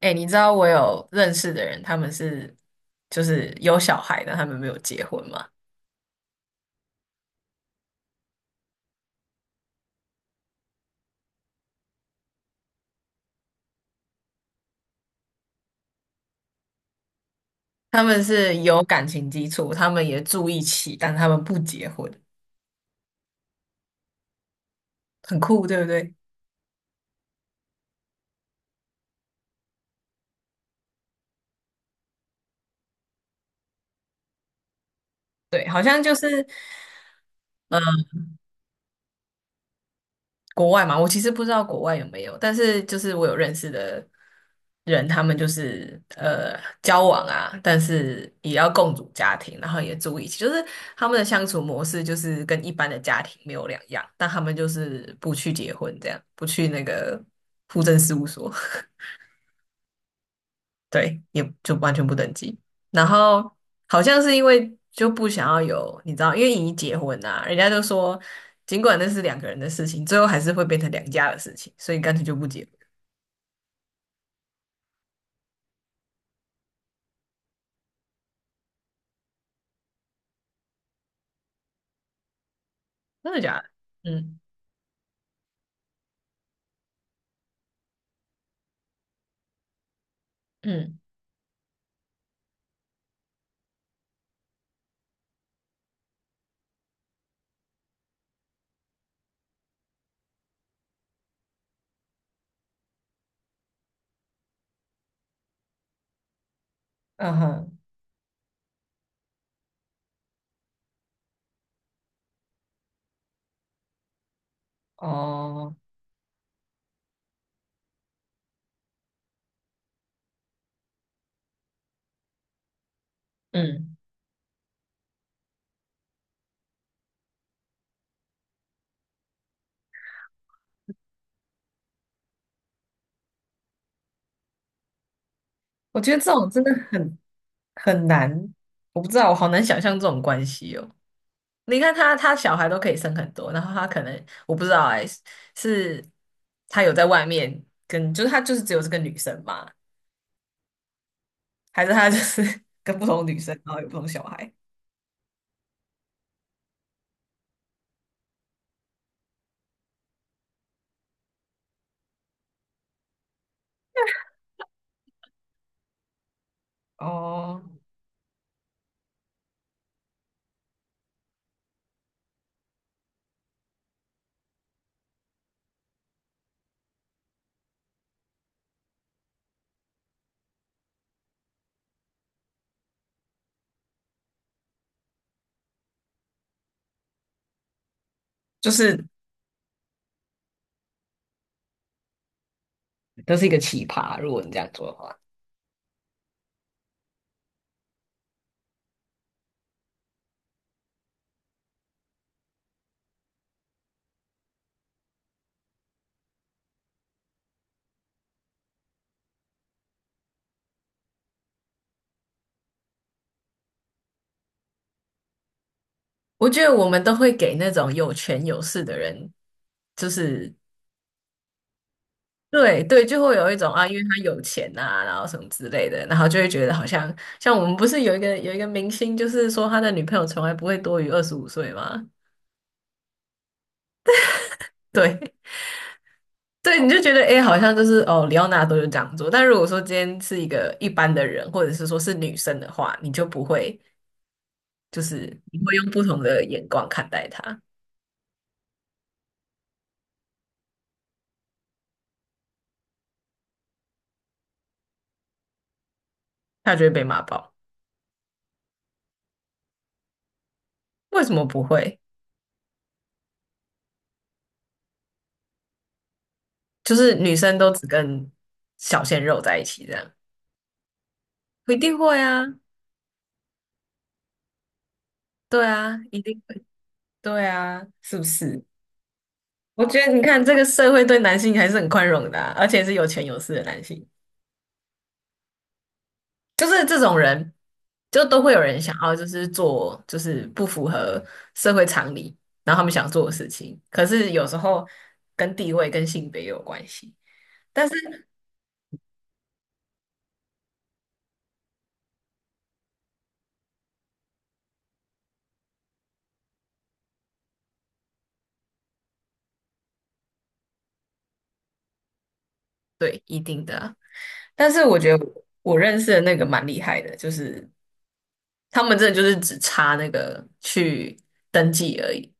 哎、你知道我有认识的人，他们是有小孩的，他们没有结婚嘛？他们是有感情基础，他们也住一起，但他们不结婚，很酷，对不对？对，好像就是，嗯国外嘛，我其实不知道国外有没有，但是就是我有认识的人，他们就是交往啊，但是也要共组家庭，然后也住一起，就是他们的相处模式就是跟一般的家庭没有两样，但他们就是不去结婚，这样不去那个户政事务所。对，也就完全不登记。然后好像是因为就不想要有，你知道，因为已结婚啊，人家就说，尽管那是两个人的事情，最后还是会变成两家的事情，所以干脆就不结婚。真的假的？嗯嗯，嗯哼，哦，嗯，我觉得这种真的很很难，我不知道，我好难想象这种关系哦。你看他，他小孩都可以生很多，然后他可能我不知道哎、是他有在外面跟，就是他就是只有这个女生嘛。还是他就是 跟不同女生，然后有不同小孩？哦，就是都是一个奇葩。如果你这样做的话，我觉得我们都会给那种有权有势的人，就是对对，就会有一种啊，因为他有钱啊，然后什么之类的，然后就会觉得好像像我们不是有一个有一个明星，就是说他的女朋友从来不会多于25岁吗？对 对，你就觉得诶，好像就是哦，里奥纳多就这样做。但如果说今天是一个一般的人，或者是说是女生的话，你就不会。就是你会用不同的眼光看待他，他就会被骂爆。为什么不会？就是女生都只跟小鲜肉在一起这样，一定会啊，对啊，一定会，对啊，是不是？我觉得你看这个社会对男性还是很宽容的啊而且是有钱有势的男性，就是这种人，就都会有人想要就是做就是不符合社会常理，然后他们想做的事情，可是有时候跟地位跟性别也有关系。但是。对，一定的啊，但是我觉得我认识的那个蛮厉害的，就是他们真的就是只差那个去登记而已，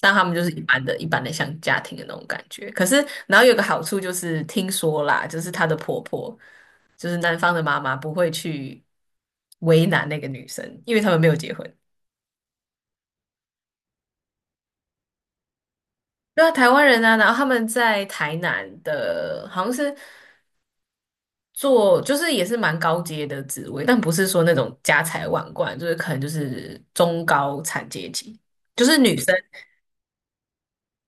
但他们就是一般的像家庭的那种感觉。可是，然后有个好处就是，听说啦，就是她的婆婆，就是男方的妈妈不会去为难那个女生，因为他们没有结婚。对啊，台湾人啊，然后他们在台南的，好像是。做就是也是蛮高阶的职位，但不是说那种家财万贯，就是可能就是中高产阶级，就是女生，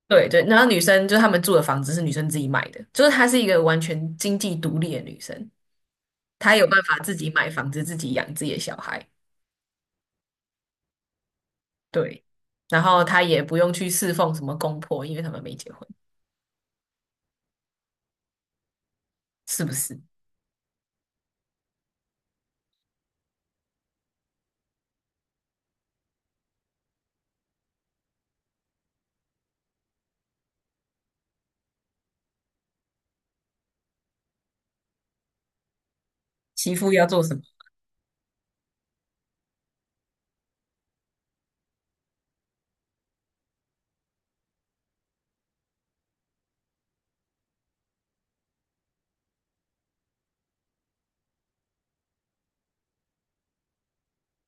对对，然后女生就是他们住的房子是女生自己买的，就是她是一个完全经济独立的女生，她有办法自己买房子，自己养自己的小孩，对，然后她也不用去侍奉什么公婆，因为他们没结婚，是不是？媳妇要做什么？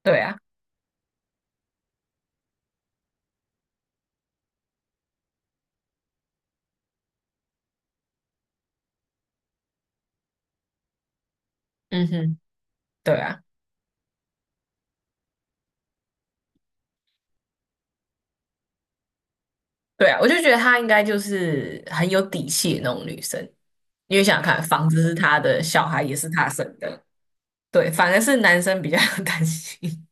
对啊，嗯哼，对啊。对啊，我就觉得她应该就是很有底气的那种女生，因为想想看，房子是她的，小孩也是她生的，对，反而是男生比较 担心。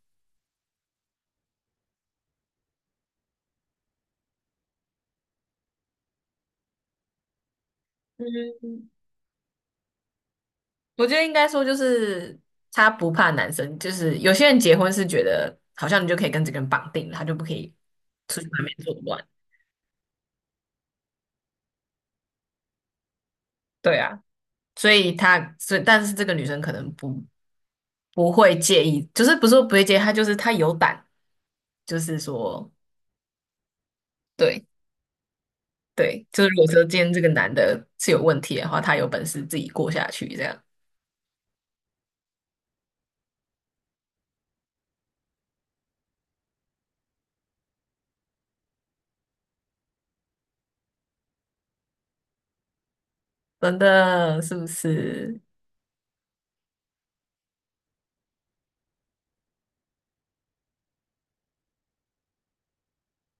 嗯，我觉得应该说就是她不怕男生，就是有些人结婚是觉得好像你就可以跟这个人绑定了，他就不可以出去外面作乱。对啊，所以他所以但是这个女生可能不会介意，就是不是说不会介意，她就是她有胆，就是说。对。对，就是如果说今天这个男的是有问题的话，他有本事自己过下去，这样真的是不是？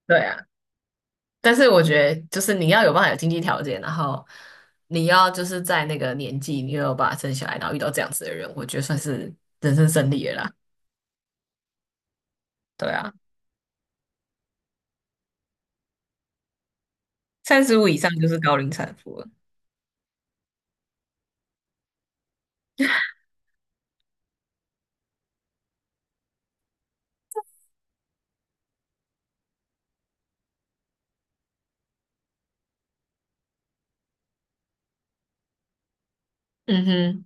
对啊，但是我觉得就是你要有办法有经济条件，然后你要就是在那个年纪，你又有办法生小孩，然后遇到这样子的人，我觉得算是人生胜利了啦。对啊，35以上就是高龄产妇了。嗯哼，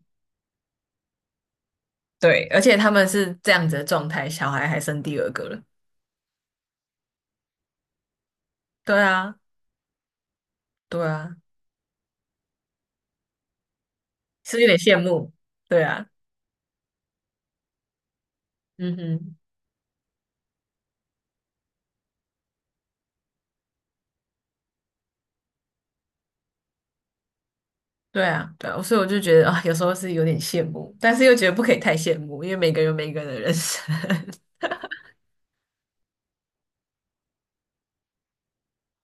对，而且他们是这样子的状态，小孩还生第二个了。对啊，对啊，是有点羡慕。对啊，嗯哼。对啊，对啊，所以我就觉得啊，有时候是有点羡慕，但是又觉得不可以太羡慕，因为每个人有每个人的人生。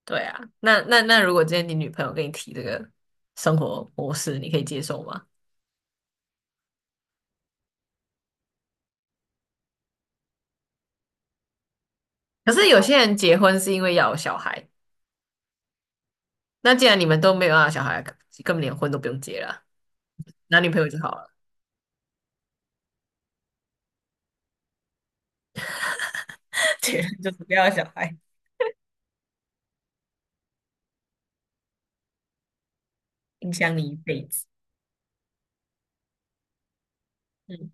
对啊，那，如果今天你女朋友跟你提这个生活模式，你可以接受吗？可是有些人结婚是因为要有小孩，那既然你们都没有要有小孩，根本连婚都不用结了，男女朋友就好了。结婚就是不要有小孩，影响你一辈子。嗯，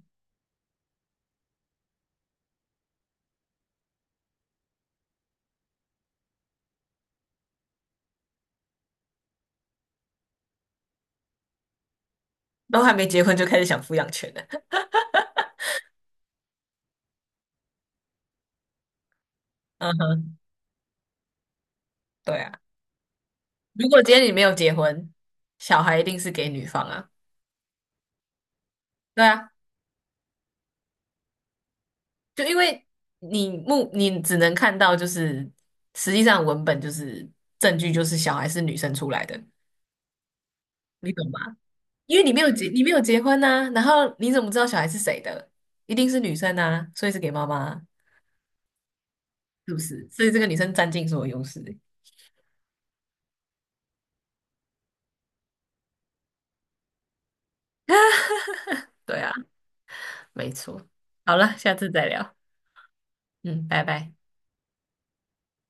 都还没结婚就开始想抚养权了。嗯哼，对啊，如果今天你没有结婚，小孩一定是给女方啊。对啊。就因为你目你只能看到，就是实际上文本就是证据，就是小孩是女生出来的，你懂吗？因为你没有结，你没有结婚呐、然后你怎么知道小孩是谁的？一定是女生啊，所以是给妈妈啊。是不是？所以这个女生占尽所有优势。对啊，没错。好了，下次再聊。嗯，拜拜。